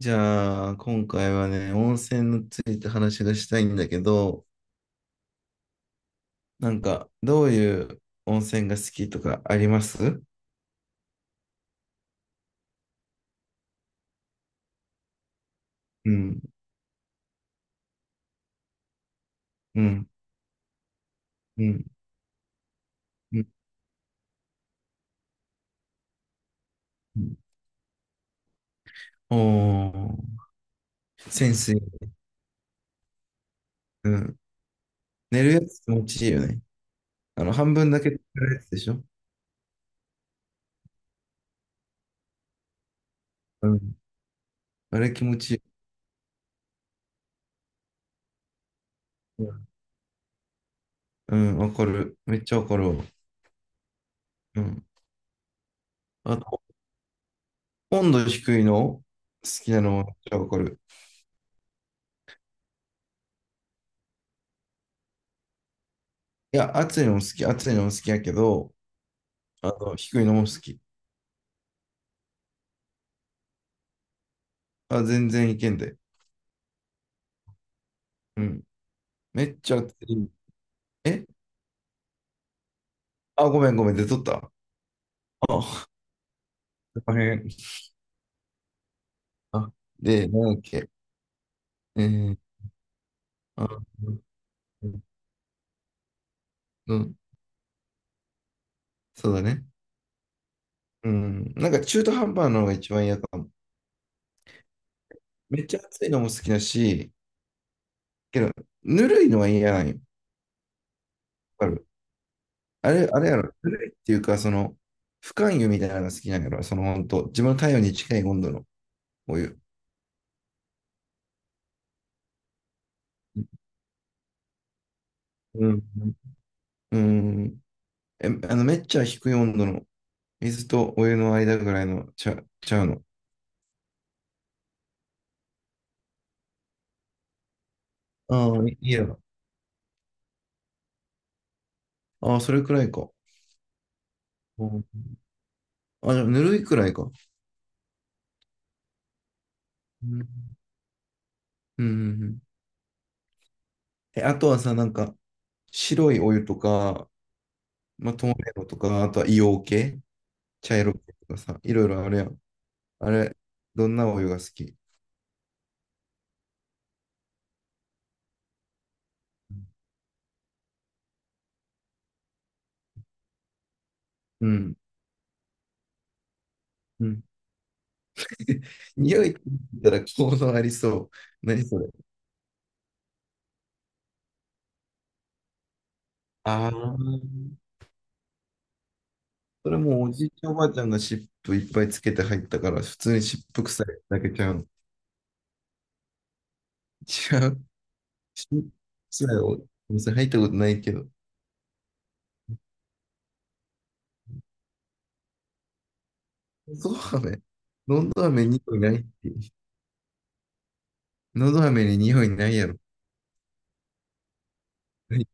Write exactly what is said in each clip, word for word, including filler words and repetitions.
じゃあ、今回はね、温泉について話がしたいんだけど、なんか、どういう温泉が好きとかあります？うん、うん、うん、うん。うん。おー、潜水。うん。寝るやつ気持ちいいよね。あの、半分だけ寝るやつでしょ？うん。あれ気持ちいい。うん、わかる。めっちゃわかるわ。うん。あと、温度低いの好きなのもめっちゃわかる。いや、暑いのも好き、暑いのも好きやけど、あの、低いのも好き。あ、全然いけんで。うん。めっちゃ熱い。え？あ、ごめんごめん、出とった。あ、大変。あ、で、なんだっけ。えー、あ、うん、うん。そうだね。うん。なんか中途半端なのが一番嫌かも。めっちゃ暑いのも好きだし、けど、ぬるいのは嫌なんよ。わかる。あれ、あれやろ。ぬるいっていうか、その、不感湯みたいなのが好きなんやろ。その、本当自分の体温に近い温度のお湯。うん。うん。え、あの、めっちゃ低い温度の水とお湯の間ぐらいのちゃ、ちゃうの。ああ、いいや。ああ、それくらいか。うん。あ、じゃあ、ぬるいくらいか。うんうんうんうん。え、あとはさ、なんか、白いお湯とか、まあ、透明度とか、あとは硫黄系、茶色系とかさ、いろいろあるやん。あれ、どんなお湯が好き？うん。うん。匂いって言ったら効能ありそう。何それ？ああ、それもうおじいちゃんおばあちゃんが湿布いっぱいつけて入ったから、普通に湿布臭いだけちゃうの。違う。し、そうだよ。おお店入ったことないけど。のど飴？のど飴に匂いないって。のど飴に匂いないやろ。はい。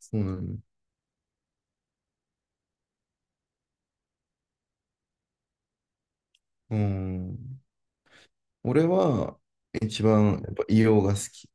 そうなんだ。うん。俺は、一番、やっぱ硫黄が好き。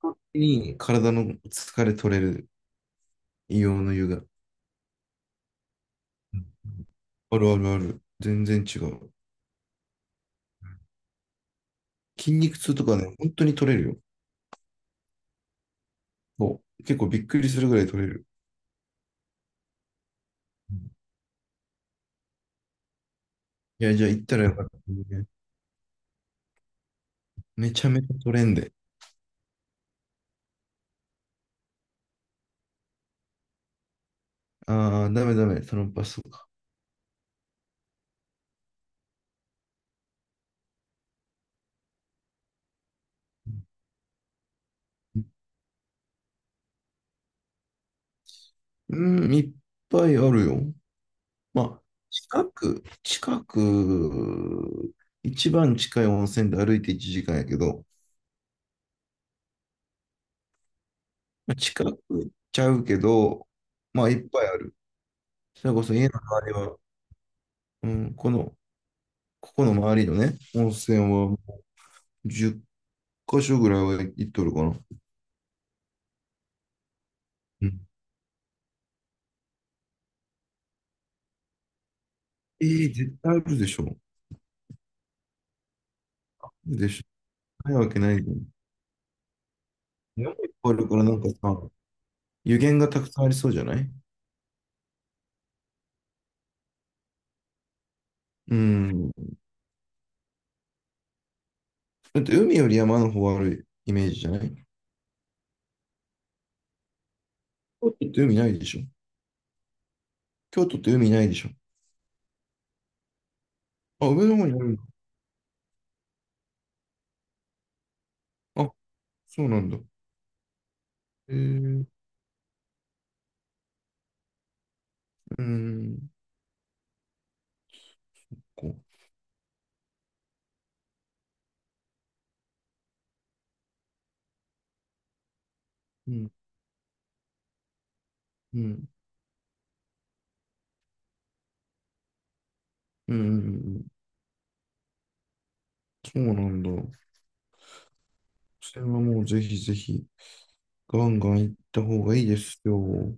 本当に体の疲れ取れる硫黄の湯が。うん。あるあるある。全然違う。筋肉痛とかね、本当に取れるよ。そう結構びっくりするぐらい取れる。うん。いや、じゃあ行ったらよかったね。めちゃめちゃ取れんで。ああ、ダメダメ、そのパスとか。うん、いっぱいあるよ。まあ、近く、近く、一番近い温泉で歩いていちじかんやけど、まあ近くちゃうけど、まあ、いっぱいある。それこそ家の周りは、うん、この、ここの周りのね、温泉はもうじゅっかしょ箇所ぐらいは行っとるかな。うん、ええ絶対あるでしょ。でしょ。ないわけないじゃん。山いっぱいあるからなんかさ、湯源がたくさんありそうじゃない？うん。だって海より山の方があるイメージじゃない？京都って海ないでしょ？京都って海ないでしょ？あ、上の方にあるんだ。あ、そうなんだ。えー、うーん、こう。うん、うん、うん、うん、うん。そうなんだ。それはもうぜひぜひ、ガンガン行った方がいいですよ。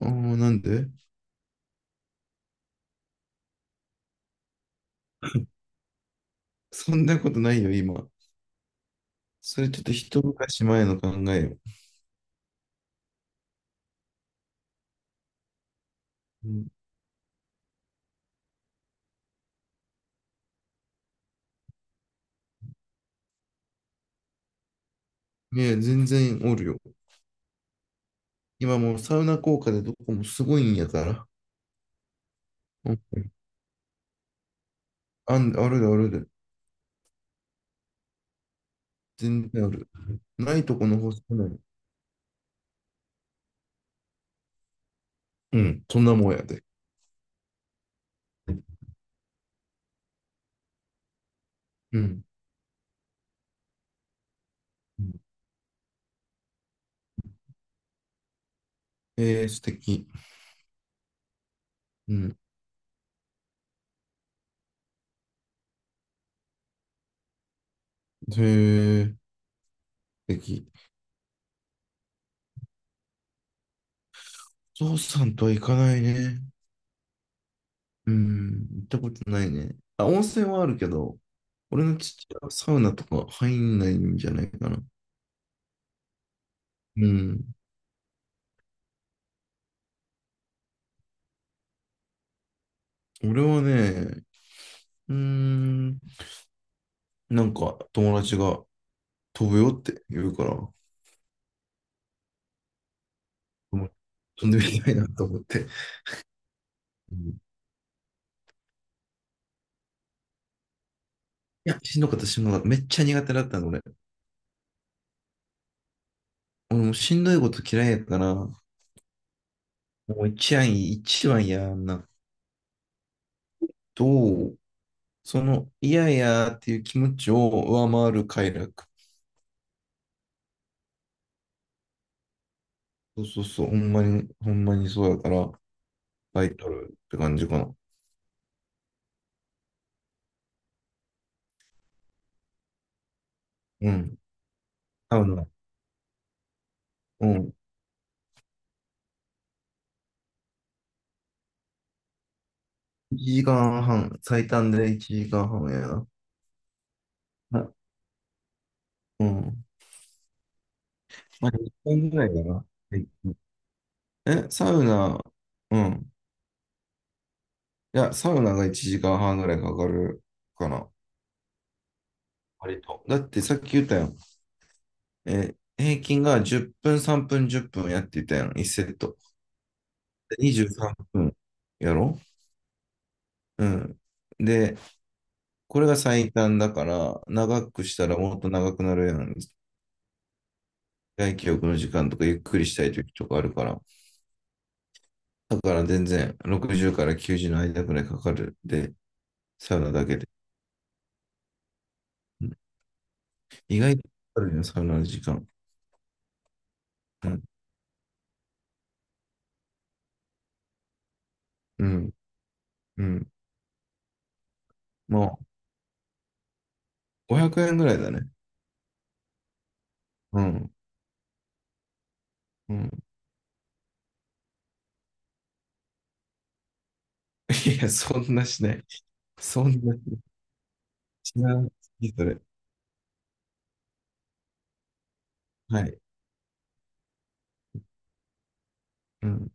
ああ、なんで？そんなことないよ、今。それちょっと一昔前の考えよ。うん。いや、全然おるよ。今もうサウナ効果でどこもすごいんやから。うん。あん、あるであるで。全然ある。ないとこの方少ない。うん、そんなもんやで。うん。うん。えー、素敵。うん。へえ、素敵。ゾウさんとは行かないね。うん、行ったことないね。あ、温泉はあるけど、俺の父親はサウナとか入んないんじゃないかな。うん。俺はね、うーん、なんか友達が飛ぶよって言うから、もう飛んでみたいなと思って。うん。いや、しんどかった、しんどかった。めっちゃ苦手だったの、俺。俺もしんどいこと嫌いやから、もう一案一番やんな。と、その嫌やっていう気持ちを上回る快楽。そうそうそう、ほんまに、ほんまにそうやから、タイトルって感じかな。うん。多分な。うん。いちじかんはん、最短でいちじかんはんやな。な、うん。まあ、いちぐらいかな。はい。え、サウナ、うん。いや、サウナがいちじかんはんぐらいかかるかな。割と。だってさっき言ったやん。えー平均がじゅっぷん、さんぷん、じゅっぷんやっていたやん、いちセット。でにじゅうさんぷんやろ？うん。で、これが最短だから、長くしたらもっと長くなるやん。外記憶の時間とかゆっくりしたい時とかあるから。だから全然ろくじゅうからきゅうじゅうの間くらいかかる。で、サウナだけで。うん。意外とかかるよ、サウナの時間。うん。うん。うん。もうごひゃくえんぐらいだね。うん。うん。いや、そんなしない。そんなし知らないそれ。はい。うん。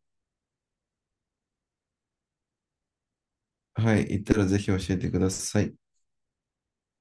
はい。行ったらぜひ教えてください。